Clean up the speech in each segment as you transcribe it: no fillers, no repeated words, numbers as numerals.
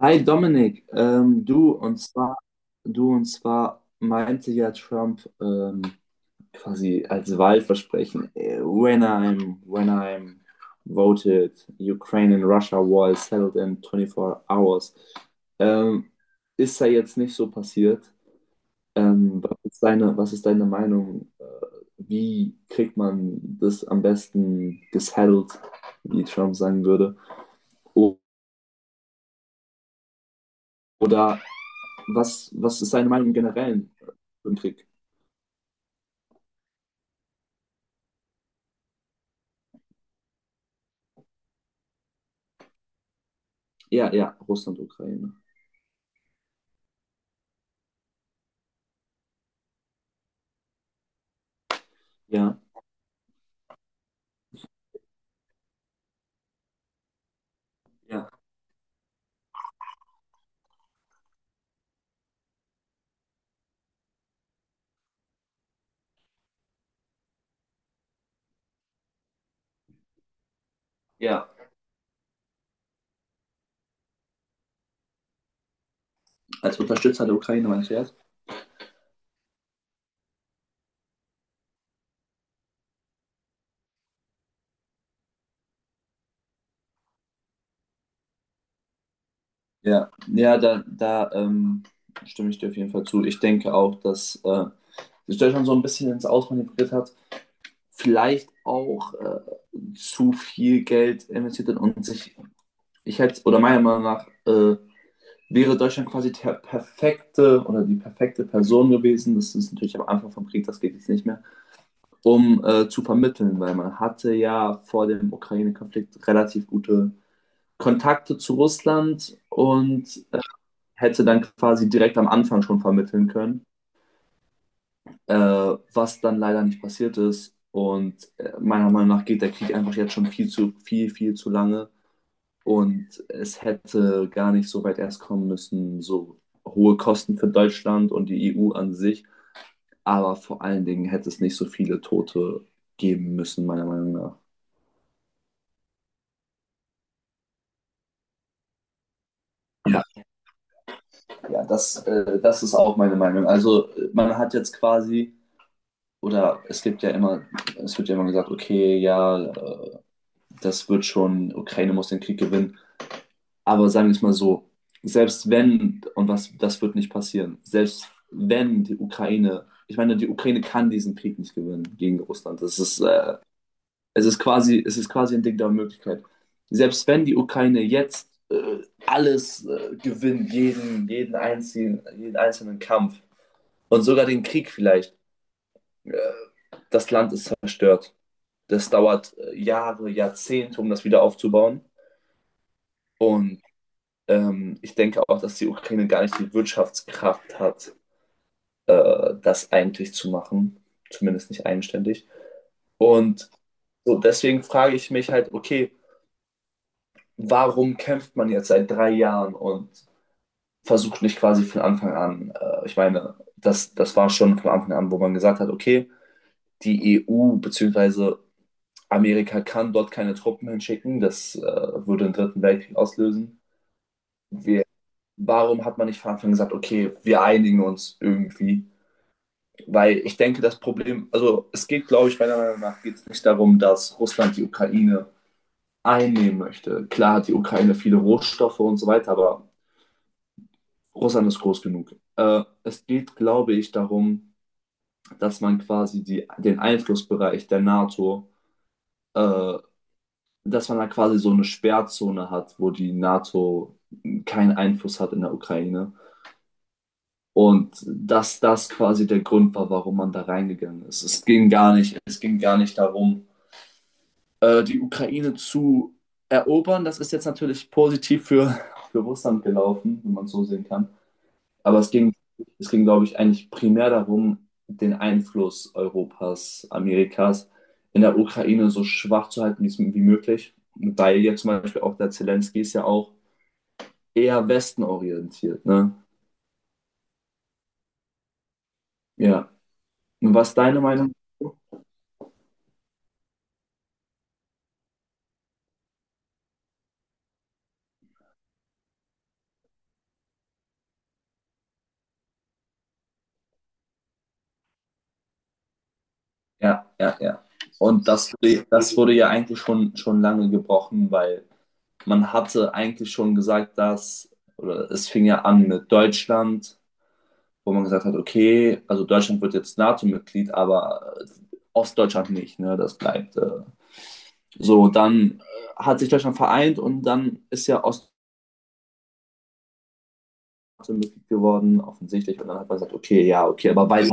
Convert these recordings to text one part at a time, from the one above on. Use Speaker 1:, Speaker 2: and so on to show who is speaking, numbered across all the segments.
Speaker 1: Hi Dominik, du und zwar meinte ja Trump, quasi als Wahlversprechen, when I'm voted, Ukraine and Russia war settled in 24 hours. Ähm, Ist da jetzt nicht so passiert? Was ist deine Meinung? Wie kriegt man das am besten gesettelt, wie Trump sagen würde? O- Oder was ist deine Meinung im Generellen? Im Krieg. Ja, ja, Russland, Ukraine. Ja, ja. Ja. Als Unterstützer der Ukraine, meinst du jetzt? Ja, ja, da, stimme ich dir auf jeden Fall zu. Ich denke auch, dass sich Deutschland so ein bisschen ins Ausmanövriert hat, vielleicht auch zu viel Geld investiert hat und sich, ich hätte, oder meiner Meinung nach, wäre Deutschland quasi der perfekte oder die perfekte Person gewesen. Das ist natürlich am Anfang vom Krieg, das geht jetzt nicht mehr. Um zu vermitteln, weil man hatte ja vor dem Ukraine-Konflikt relativ gute Kontakte zu Russland und hätte dann quasi direkt am Anfang schon vermitteln können, äh, was dann leider nicht passiert ist. Und meiner Meinung nach geht der Krieg einfach jetzt schon viel zu viel, viel zu lange. Und es hätte gar nicht so weit erst kommen müssen, so hohe Kosten für Deutschland und die EU an sich. Aber vor allen Dingen hätte es nicht so viele Tote geben müssen, meiner Meinung nach. Ja, ja, das ist auch meine Meinung. Also man hat jetzt quasi, oder es gibt ja immer, es wird ja immer gesagt, okay, ja, das wird schon, Ukraine muss den Krieg gewinnen. Aber sagen wir es mal so, selbst wenn, und was, das wird nicht passieren, selbst wenn die Ukraine, ich meine, die Ukraine kann diesen Krieg nicht gewinnen gegen Russland. Das ist, es ist quasi ein Ding der Möglichkeit. Selbst wenn die Ukraine jetzt alles gewinnt, jeden einzelnen Kampf, und sogar den Krieg vielleicht. Äh, Das Land ist zerstört. Das dauert Jahre, Jahrzehnte, um das wieder aufzubauen. Und ich denke auch, dass die Ukraine gar nicht die Wirtschaftskraft hat, das eigentlich zu machen. Zumindest nicht eigenständig. Und so deswegen frage ich mich halt, okay, warum kämpft man jetzt seit 3 Jahren und versucht nicht quasi von Anfang an, ich meine, das war schon von Anfang an, wo man gesagt hat, okay, die EU bzw. Amerika kann dort keine Truppen hinschicken. Das würde den Dritten Weltkrieg auslösen. Wir, Warum hat man nicht von Anfang an gesagt, okay, wir einigen uns irgendwie? Weil ich denke, das Problem, also es geht, glaube ich, meiner Meinung nach geht es nicht darum, dass Russland die Ukraine einnehmen möchte. Klar hat die Ukraine viele Rohstoffe und so weiter, aber Russland ist groß genug. Es geht, glaube ich, darum, dass man quasi die, den Einflussbereich der NATO, äh, dass man da quasi so eine Sperrzone hat, wo die NATO keinen Einfluss hat in der Ukraine. Und dass das quasi der Grund war, warum man da reingegangen ist. Es ging gar nicht darum, die Ukraine zu erobern. Das ist jetzt natürlich positiv für Russland gelaufen, wenn man es so sehen kann. Aber es ging, glaube ich, eigentlich primär darum, den Einfluss Europas, Amerikas in der Ukraine so schwach zu halten, wie möglich. Weil jetzt zum Beispiel auch der Zelensky ist ja auch eher westenorientiert, ne? Ja. Und was ist deine Meinung? Ja, ja, ja. Und das wurde ja eigentlich schon lange gebrochen, weil man hatte eigentlich schon gesagt, dass, oder es fing ja an mit Deutschland, wo man gesagt hat, okay, also Deutschland wird jetzt NATO-Mitglied, aber Ostdeutschland nicht, ne? Das bleibt so. Dann hat sich Deutschland vereint und dann ist ja Ostdeutschland Mitglied geworden, offensichtlich. Und dann hat man gesagt, okay, ja, okay, aber weil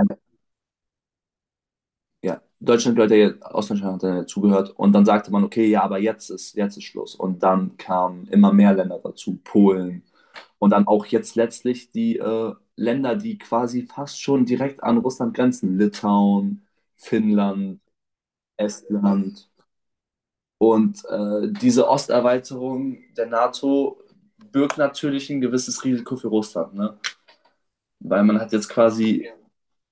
Speaker 1: ja, Deutschland gehört ja jetzt, Ostdeutschland hat dann ja zugehört und dann sagte man, okay, ja, aber jetzt ist Schluss. Und dann kamen immer mehr Länder dazu, Polen und dann auch jetzt letztlich die Länder, die quasi fast schon direkt an Russland grenzen, Litauen, Finnland. Estland. Und diese Osterweiterung der NATO birgt natürlich ein gewisses Risiko für Russland, ne? Weil man hat jetzt quasi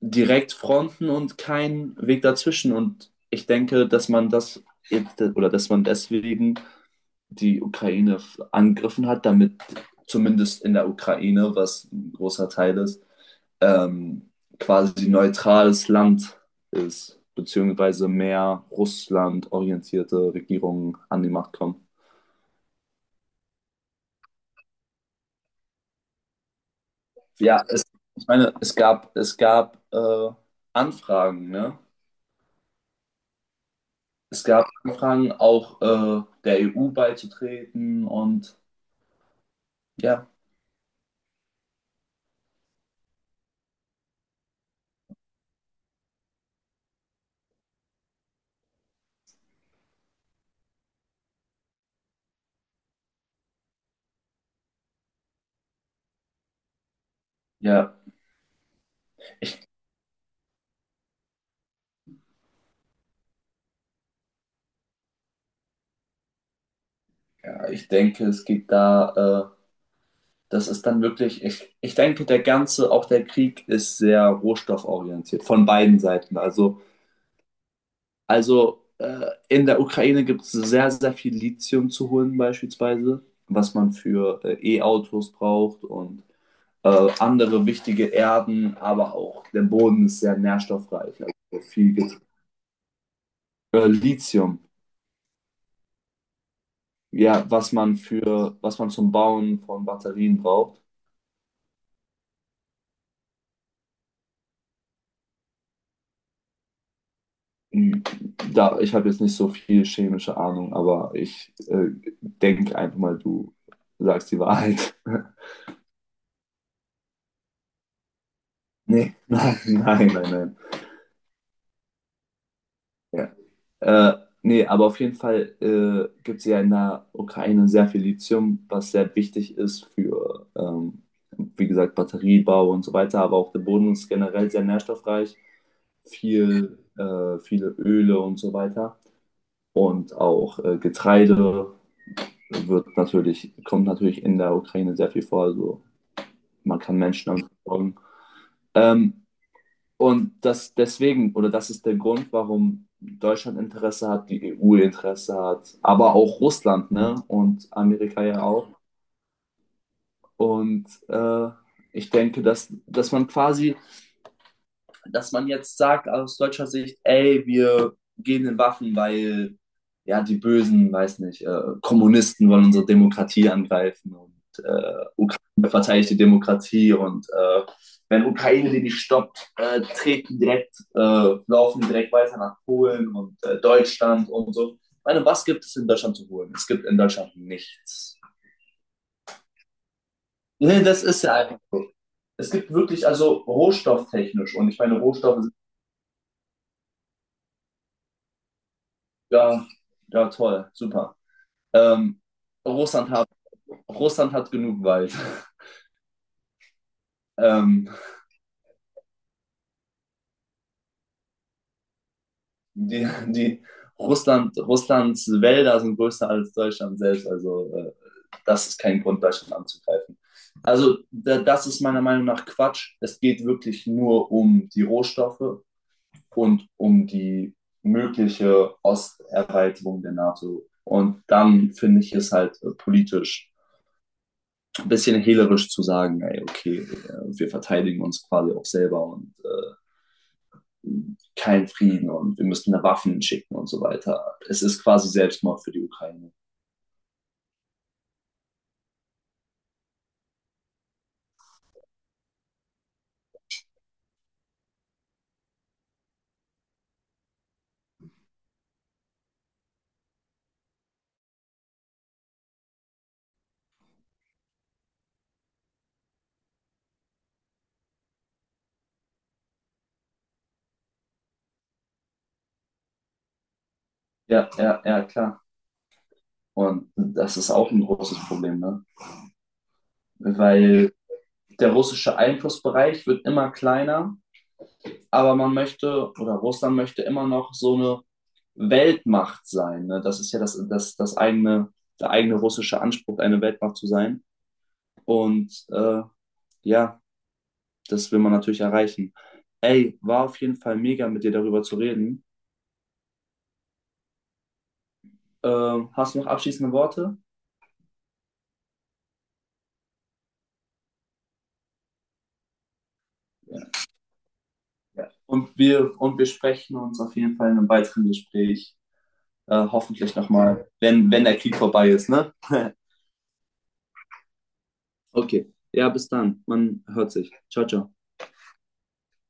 Speaker 1: direkt Fronten und keinen Weg dazwischen. Und ich denke, dass man das jetzt, oder dass man deswegen die Ukraine angegriffen hat, damit zumindest in der Ukraine, was ein großer Teil ist, ähm, quasi neutrales Land ist, beziehungsweise mehr Russland orientierte Regierungen an die Macht kommen. Ja, ich meine, es gab Anfragen, ne? Es gab Anfragen, auch der EU beizutreten und ja, ja, ja, ich denke, es geht da, das ist dann wirklich, ich denke, der ganze, auch der Krieg ist sehr rohstofforientiert von beiden Seiten. Also in der Ukraine gibt es sehr, sehr viel Lithium zu holen beispielsweise, was man für E-Autos braucht und andere wichtige Erden, aber auch der Boden ist sehr nährstoffreich. Also viel gibt's. Lithium, ja, was man für, was man zum Bauen von Batterien braucht. Hm, Da, ich habe jetzt nicht so viel chemische Ahnung, aber ich denke einfach mal, du sagst die Wahrheit. Nee, nein, nein, nein, nein. Ja. Äh, Nee, aber auf jeden Fall gibt es ja in der Ukraine sehr viel Lithium, was sehr wichtig ist für, wie gesagt, Batteriebau und so weiter, aber auch der Boden ist generell sehr nährstoffreich, viele Öle und so weiter. Und auch Getreide wird natürlich, kommt natürlich in der Ukraine sehr viel vor. Also man kann Menschen damit versorgen. Ähm, Und das deswegen, oder das ist der Grund, warum Deutschland Interesse hat, die EU Interesse hat, aber auch Russland, ne? Und Amerika ja auch. Und ich denke, dass man jetzt sagt aus deutscher Sicht, ey, wir gehen in Waffen, weil ja die bösen, weiß nicht, Kommunisten wollen unsere Demokratie angreifen und äh, verteidigt die Demokratie und wenn Ukraine die nicht stoppt, laufen direkt weiter nach Polen und Deutschland und so. Ich meine, was gibt es in Deutschland zu holen? Es gibt in Deutschland nichts. Nee, das ist ja einfach. Es gibt wirklich, also rohstofftechnisch, und ich meine, Rohstoffe sind ja, ja toll, super. Ähm, Russland hat, Russland hat genug Wald. Ähm, Die, die Russlands Wälder sind größer als Deutschland selbst. Also das ist kein Grund, Deutschland anzugreifen. Also da, das ist meiner Meinung nach Quatsch. Es geht wirklich nur um die Rohstoffe und um die mögliche Osterweiterung der NATO. Und dann finde ich es halt politisch ein bisschen hehlerisch zu sagen, ey, okay, wir verteidigen uns quasi auch selber und keinen Frieden und wir müssen da Waffen schicken und so weiter. Es ist quasi Selbstmord für die Ukraine. Ja, ja, ja, klar. Und das ist auch ein großes Problem, ne? Weil der russische Einflussbereich wird immer kleiner, aber man möchte oder Russland möchte immer noch so eine Weltmacht sein. Ne? Das ist ja das, eigene, der eigene russische Anspruch, eine Weltmacht zu sein. Und ja, das will man natürlich erreichen. Ey, war auf jeden Fall mega, mit dir darüber zu reden. Hast du noch abschließende Worte? Ja, ja. Und wir sprechen uns auf jeden Fall in einem weiteren Gespräch, hoffentlich nochmal, wenn der Krieg vorbei ist, ne? Okay. Ja, bis dann. Man hört sich. Ciao, ciao.